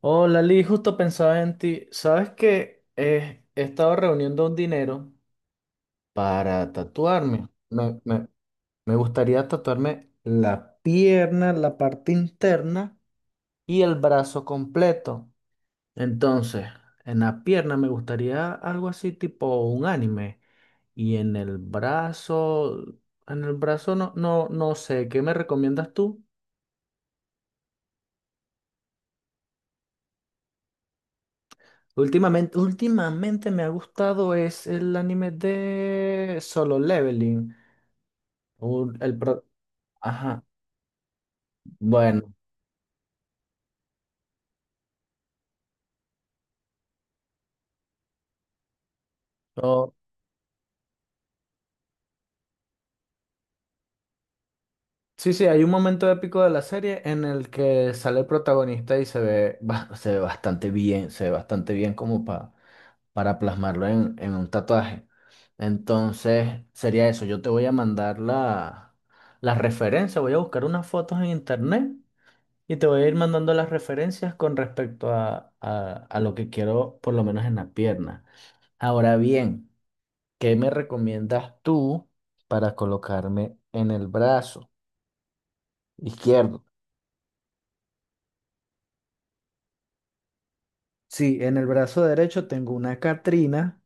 Hola, Lee, justo pensaba en ti. Sabes que he estado reuniendo un dinero para tatuarme. Me me gustaría tatuarme la pierna, la parte interna y el brazo completo. Entonces, en la pierna me gustaría algo así tipo un anime. Y en el brazo no, no, no sé. ¿Qué me recomiendas tú? Últimamente, últimamente me ha gustado es el anime de Solo Leveling. Un- el pro- Ajá, bueno. o- sí, sí, hay un momento épico de la serie en el que sale el protagonista y se ve, se ve bastante bien, se ve bastante bien para plasmarlo en un tatuaje. Entonces, sería eso. Yo te voy a mandar la referencia, voy a buscar unas fotos en internet. Y te voy a ir mandando las referencias con respecto a lo que quiero, por lo menos en la pierna. Ahora bien, ¿qué me recomiendas tú para colocarme en el brazo izquierdo? Sí, en el brazo derecho tengo una Catrina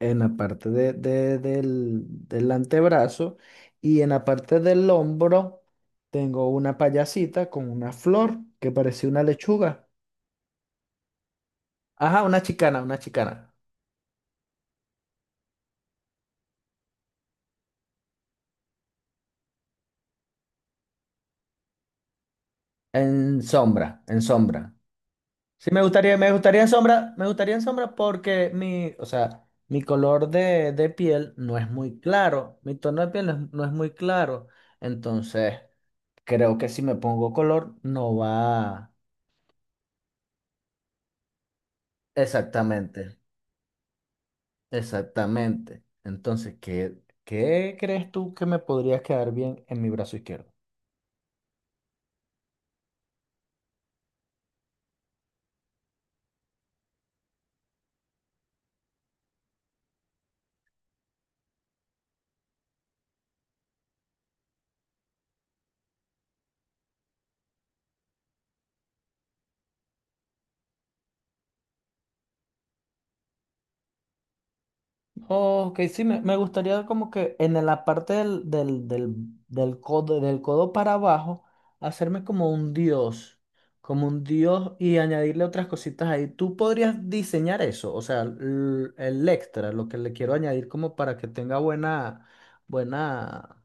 en la parte del del antebrazo y en la parte del hombro tengo una payasita con una flor que parecía una lechuga. Ajá, una chicana, una chicana. En sombra, en sombra. Sí, me gustaría en sombra, me gustaría en sombra porque o sea, mi color de piel no es muy claro, mi tono de piel no es, no es muy claro, entonces creo que si me pongo color no va. Exactamente, exactamente. Entonces, ¿qué crees tú que me podría quedar bien en mi brazo izquierdo? Oh, ok, sí, me gustaría como que en la parte del codo para abajo, hacerme como un dios y añadirle otras cositas ahí. ¿Tú podrías diseñar eso? O sea, el extra, lo que le quiero añadir como para que tenga buena, buena,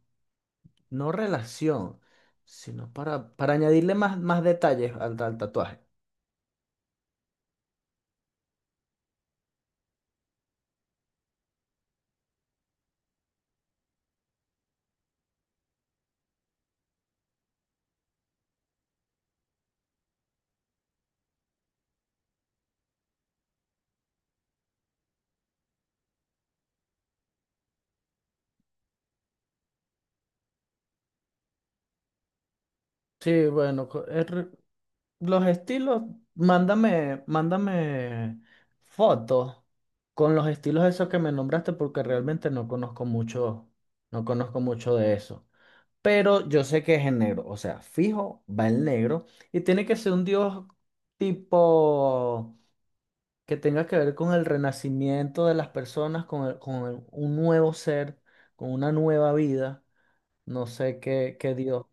no relación, sino para añadirle más, más detalles al tatuaje. Sí, bueno, los estilos, mándame, mándame fotos con los estilos esos que me nombraste porque realmente no conozco mucho, no conozco mucho de eso. Pero yo sé que es en negro, o sea, fijo, va en negro y tiene que ser un dios tipo que tenga que ver con el renacimiento de las personas, un nuevo ser, con una nueva vida, no sé qué dios,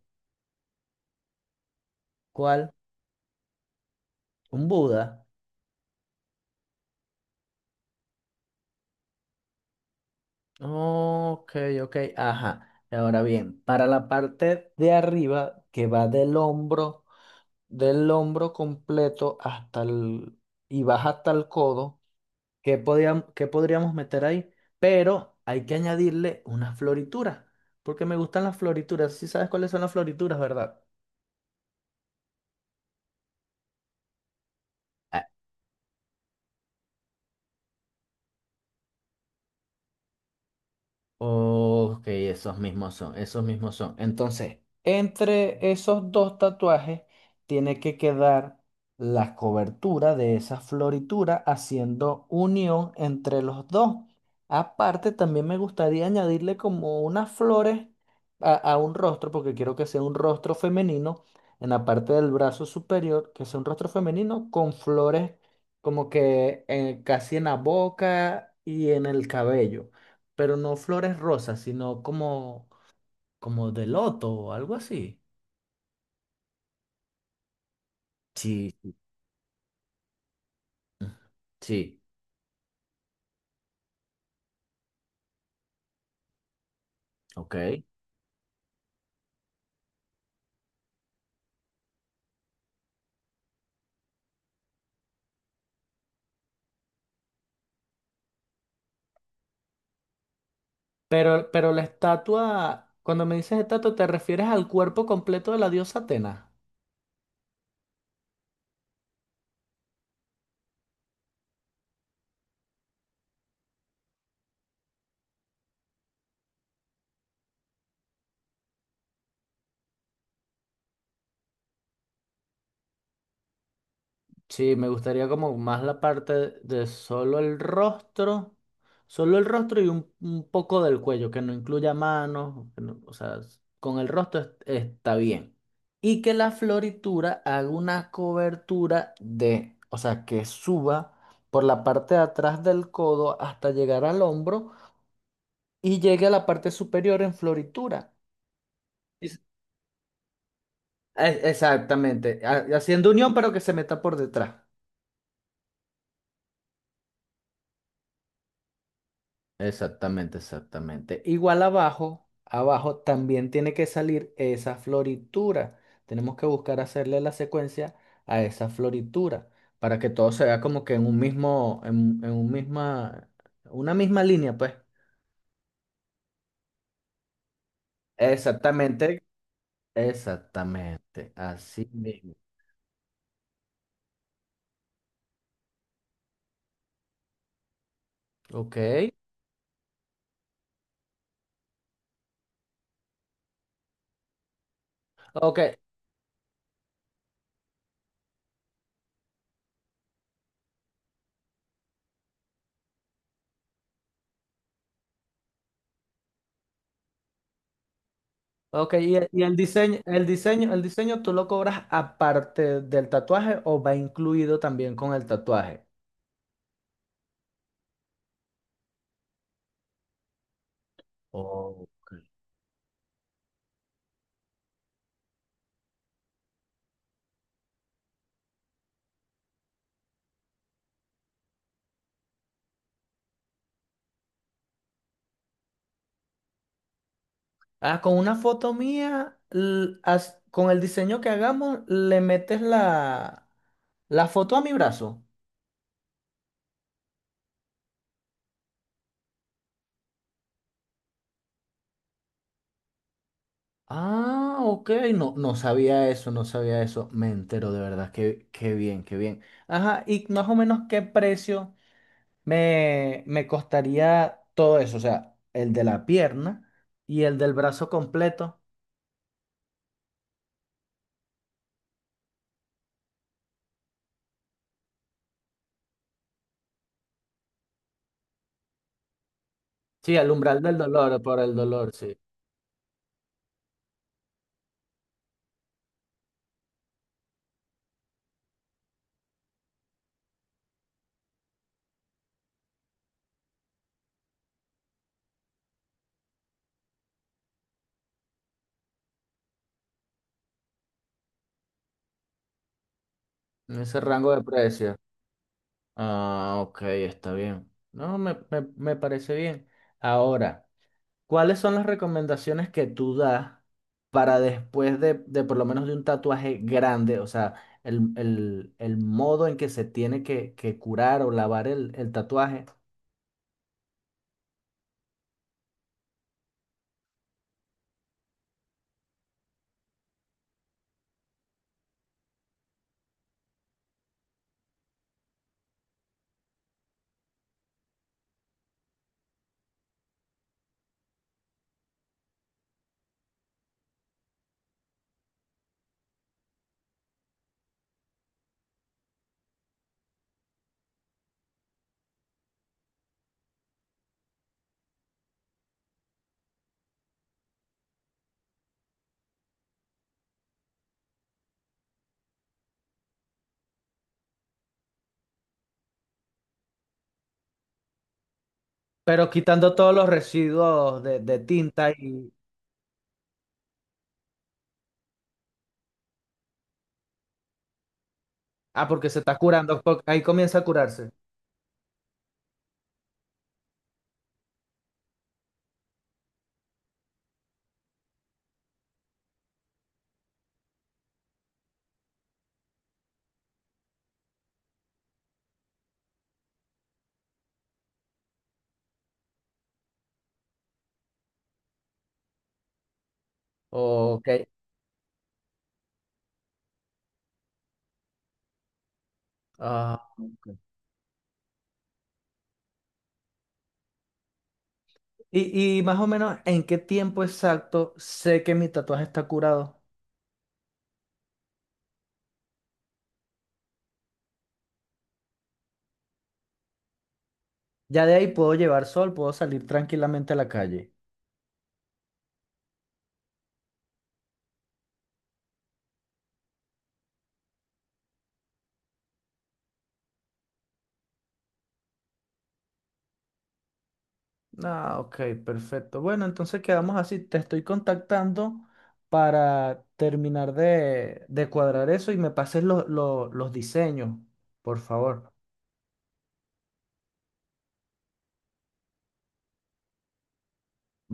¿cuál? Un Buda. Ok, ok, ajá. Ahora bien, para la parte de arriba que va del hombro completo hasta el y baja hasta el codo, ¿qué podríamos meter ahí? Pero hay que añadirle unas florituras, porque me gustan las florituras. Sí sabes cuáles son las florituras, ¿verdad? Ok, esos mismos son, esos mismos son. Entonces, entre esos dos tatuajes tiene que quedar la cobertura de esa floritura haciendo unión entre los dos. Aparte, también me gustaría añadirle como unas flores a un rostro, porque quiero que sea un rostro femenino en la parte del brazo superior, que sea un rostro femenino con flores como que casi en la boca y en el cabello, pero no flores rosas, sino como, como de loto o algo así. Sí, sí, ok. Pero la estatua, cuando me dices estatua, ¿te refieres al cuerpo completo de la diosa Atena? Sí, me gustaría como más la parte de solo el rostro y un poco del cuello, que no incluya manos, que no- o sea, con el rostro está bien. Y que la floritura haga una cobertura de, o sea, que suba por la parte de atrás del codo hasta llegar al hombro y llegue a la parte superior en floritura. Es- Exactamente, haciendo unión pero que se meta por detrás. Exactamente, exactamente. Igual abajo, abajo también tiene que salir esa floritura. Tenemos que buscar hacerle la secuencia a esa floritura para que todo se vea como que en un mismo, en un misma, una misma línea, pues. Exactamente, exactamente, así mismo. Ok, ok, ok. ¿Y el diseño tú lo cobras aparte del tatuaje o va incluido también con el tatuaje? Ok. Ah, con una foto mía, con el diseño que hagamos, le metes la foto a mi brazo. Ah, ok, no, no sabía eso, no sabía eso. Me entero de verdad, qué bien, qué bien. Ajá, y más o menos qué precio me costaría todo eso, o sea, el de la pierna y el del brazo completo. Sí, el umbral del dolor, por el dolor, sí. Ese rango de precio. Ah, ok, está bien. No, me parece bien. Ahora, ¿cuáles son las recomendaciones que tú das para después de por lo menos de un tatuaje grande? O sea, el modo en que se tiene que curar o lavar el tatuaje. Pero quitando todos los residuos de tinta y... Ah, porque se está curando, porque ahí comienza a curarse. Ok. Ah, ok. Y más o menos, ¿en qué tiempo exacto sé que mi tatuaje está curado? Ya de ahí puedo llevar sol, puedo salir tranquilamente a la calle. Ah, ok, perfecto. Bueno, entonces quedamos así. Te estoy contactando para terminar de cuadrar eso y me pases los los diseños, por favor.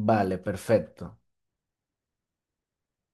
Vale, perfecto.